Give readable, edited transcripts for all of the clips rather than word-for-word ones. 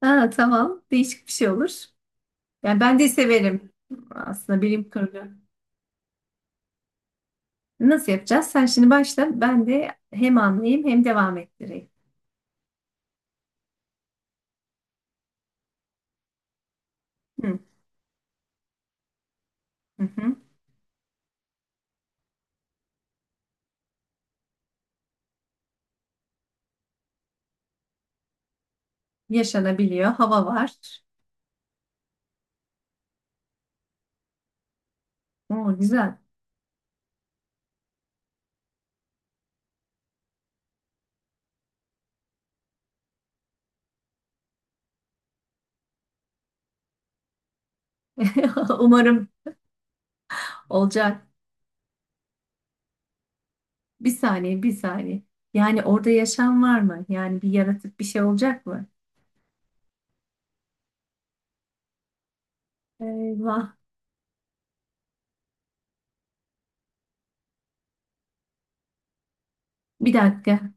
Ha, tamam. Değişik bir şey olur. Yani ben de severim aslında bilim kurgu. Nasıl yapacağız? Sen şimdi başla. Ben de hem anlayayım hem devam ettireyim. Hı, hı, hı. Yaşanabiliyor. Hava var. Oo, güzel. Umarım olacak. Bir saniye, bir saniye. Yani orada yaşam var mı? Yani bir yaratık bir şey olacak mı? Eyvah. Bir dakika.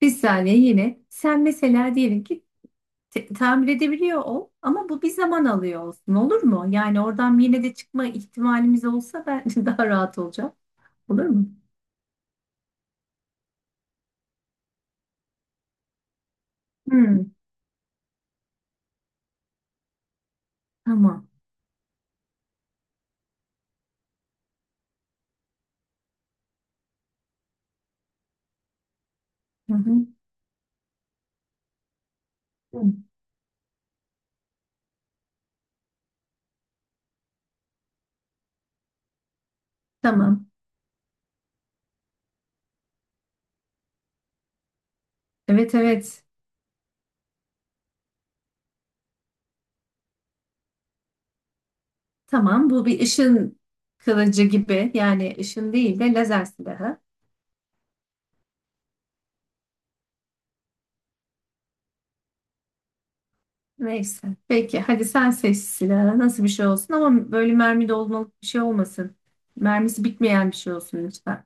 Bir saniye yine. Sen mesela diyelim ki tamir edebiliyor ol ama bu bir zaman alıyor olsun olur mu? Yani oradan yine de çıkma ihtimalimiz olsa ben daha rahat olacağım. Olur mu? Hmm, tamam. Hı hı. Hı. Tamam. Evet, evet. Tamam, bu bir ışın kılıcı gibi yani ışın değil de lazer silahı. Neyse. Peki hadi sen seç silahı nasıl bir şey olsun, ama böyle mermi dolmalık bir şey olmasın. Mermisi bitmeyen bir şey olsun lütfen.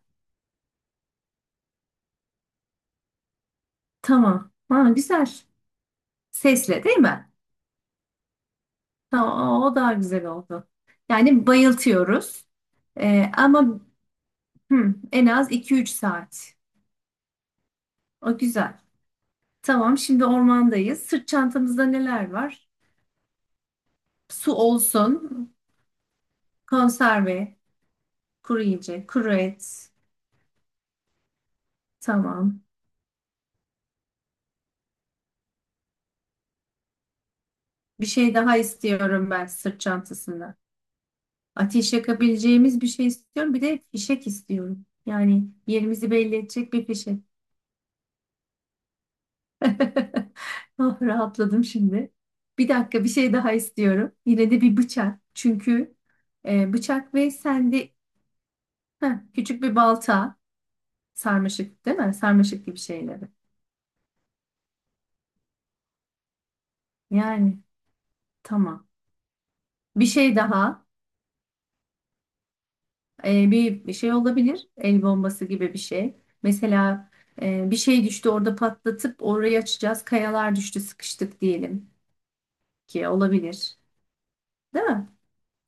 Tamam. Ha, güzel. Sesle değil mi? Tamam, o daha güzel oldu. Yani bayıltıyoruz. Ama hı, en az 2-3 saat. O güzel. Tamam, şimdi ormandayız. Sırt çantamızda neler var? Su olsun, konserve, kuru yiyecek, kuru et. Tamam. Bir şey daha istiyorum ben sırt çantasında. Ateş yakabileceğimiz bir şey istiyorum. Bir de fişek istiyorum. Yani yerimizi belli edecek bir fişek. Ah, rahatladım şimdi. Bir dakika, bir şey daha istiyorum. Yine de bir bıçak. Çünkü bıçak ve sende. Heh, küçük bir balta, sarmaşık değil mi? Sarmaşık gibi şeyleri. Yani tamam. Bir şey daha. Bir şey olabilir. El bombası gibi bir şey. Mesela bir şey düştü orada, patlatıp orayı açacağız. Kayalar düştü sıkıştık diyelim ki, olabilir. Değil mi?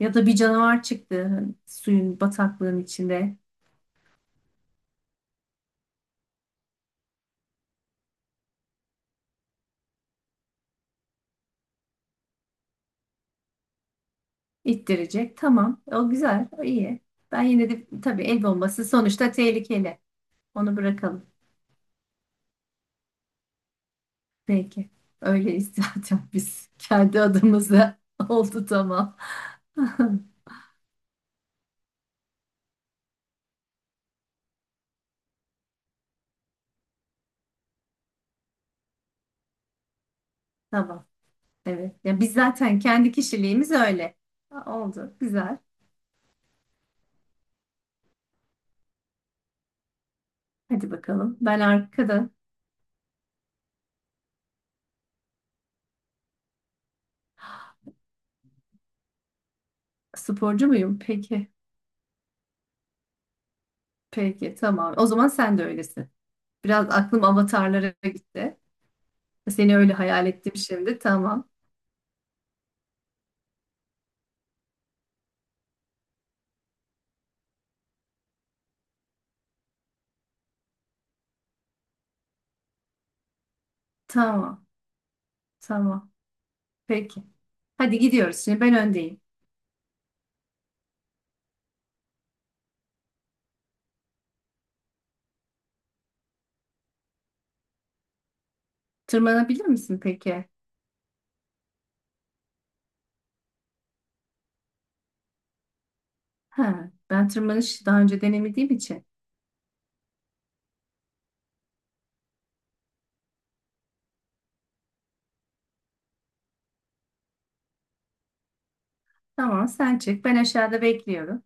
Ya da bir canavar çıktı suyun bataklığın içinde. İttirecek. Tamam. O güzel. O iyi. Ben yine de tabii, el bombası sonuçta tehlikeli. Onu bırakalım. Peki. Öyleyiz zaten, biz kendi adımıza. Oldu, tamam. Tamam. Evet. Ya biz zaten kendi kişiliğimiz öyle. Ha, oldu. Güzel. Hadi bakalım. Ben arkada. Sporcu muyum? Peki. Peki. Tamam. O zaman sen de öylesin. Biraz aklım avatarlara gitti. Seni öyle hayal ettim şimdi. Tamam. Tamam. Tamam. Peki. Hadi gidiyoruz. Şimdi ben öndeyim. Tırmanabilir misin peki? Ha, ben tırmanış daha önce denemediğim için. Tamam sen çık. Ben aşağıda bekliyorum.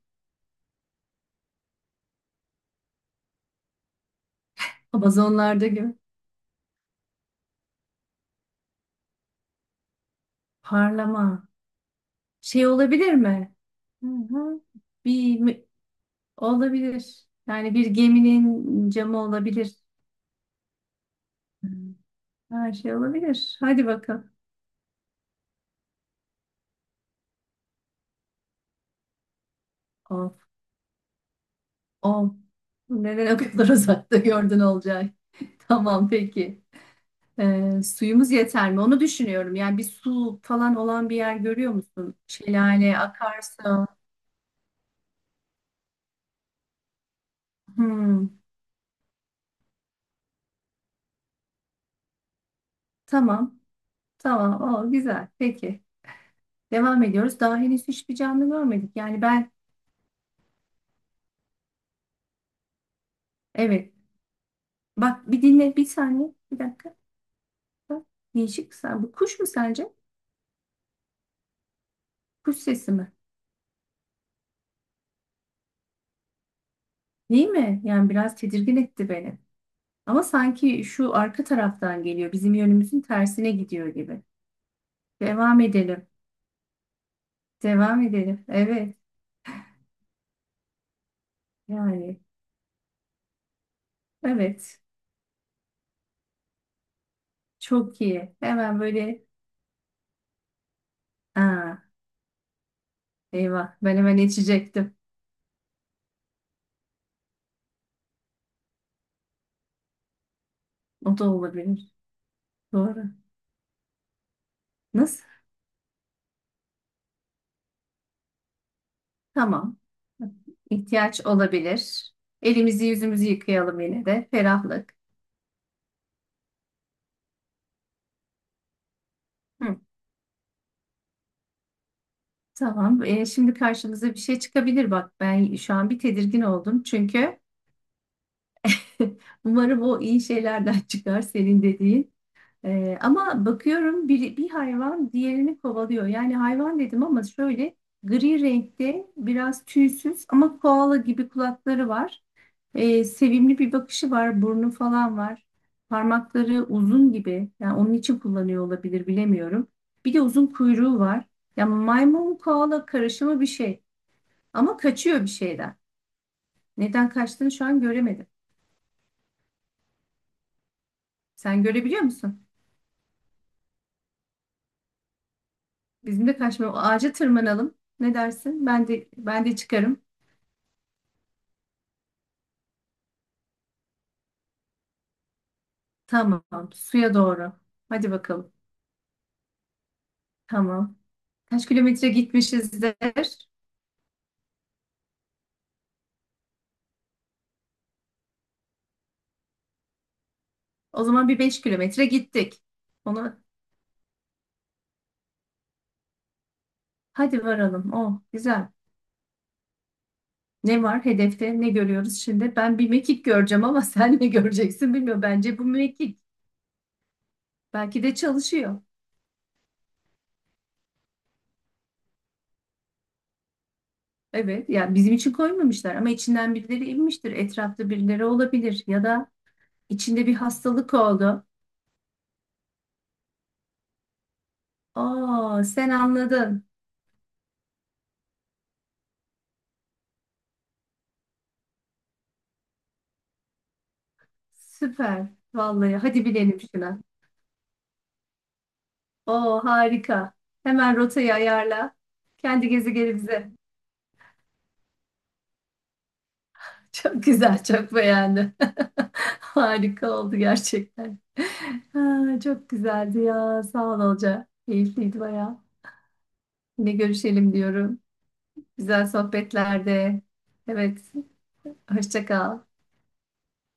Amazonlarda gibi. Parlama. Şey olabilir mi? Hı hı. Bir mü- Olabilir. Yani bir geminin camı olabilir. Hı. Her şey olabilir. Hadi bakalım. Of, of. Neden o kadar uzakta gördün Olcay? Tamam peki. Suyumuz yeter mi? Onu düşünüyorum. Yani bir su falan olan bir yer görüyor musun? Şelale, akarsa. Hmm, tamam. Tamam. O güzel. Peki. Devam ediyoruz. Daha henüz hiçbir canlı görmedik. Yani ben, evet. Bak bir dinle bir saniye. Bir dakika. Bak, değişik. Sen, bu kuş mu sence? Kuş sesi mi? Değil mi? Yani biraz tedirgin etti beni. Ama sanki şu arka taraftan geliyor. Bizim yönümüzün tersine gidiyor gibi. Devam edelim. Devam edelim. Evet. Yani. Evet. Çok iyi. Hemen böyle. Aa, eyvah. Ben hemen içecektim. O da olabilir. Doğru. Nasıl? Tamam. İhtiyaç olabilir. Elimizi yüzümüzü yıkayalım yine de. Ferahlık. Hı. Tamam. Şimdi karşımıza bir şey çıkabilir. Bak ben şu an bir tedirgin oldum. Çünkü umarım o iyi şeylerden çıkar senin dediğin. Ama bakıyorum bir hayvan diğerini kovalıyor. Yani hayvan dedim ama şöyle gri renkte, biraz tüysüz ama koala gibi kulakları var. Sevimli bir bakışı var, burnu falan var. Parmakları uzun gibi. Yani onun için kullanıyor olabilir, bilemiyorum. Bir de uzun kuyruğu var. Yani maymun koala karışımı bir şey. Ama kaçıyor bir şeyden. Neden kaçtığını şu an göremedim. Sen görebiliyor musun? Bizim de kaçmıyor. Ağaca tırmanalım. Ne dersin? Ben de çıkarım. Tamam. Suya doğru. Hadi bakalım. Tamam. Kaç kilometre gitmişizdir? O zaman bir 5 kilometre gittik. Ona hadi varalım. Oh, güzel. Ne var hedefte? Ne görüyoruz şimdi? Ben bir mekik göreceğim ama sen ne göreceksin bilmiyorum. Bence bu mekik. Belki de çalışıyor. Evet, yani bizim için koymamışlar ama içinden birileri inmiştir. Etrafta birileri olabilir, ya da içinde bir hastalık oldu. Aa, sen anladın. Süper. Vallahi hadi bilelim şuna. Oo, harika. Hemen rotayı ayarla. Kendi gezegenimize. Çok güzel, çok beğendim. Harika oldu gerçekten. Ha, çok güzeldi ya. Sağ ol Olca. Keyifliydi bayağı. Yine görüşelim diyorum. Güzel sohbetlerde. Evet, hoşça kal.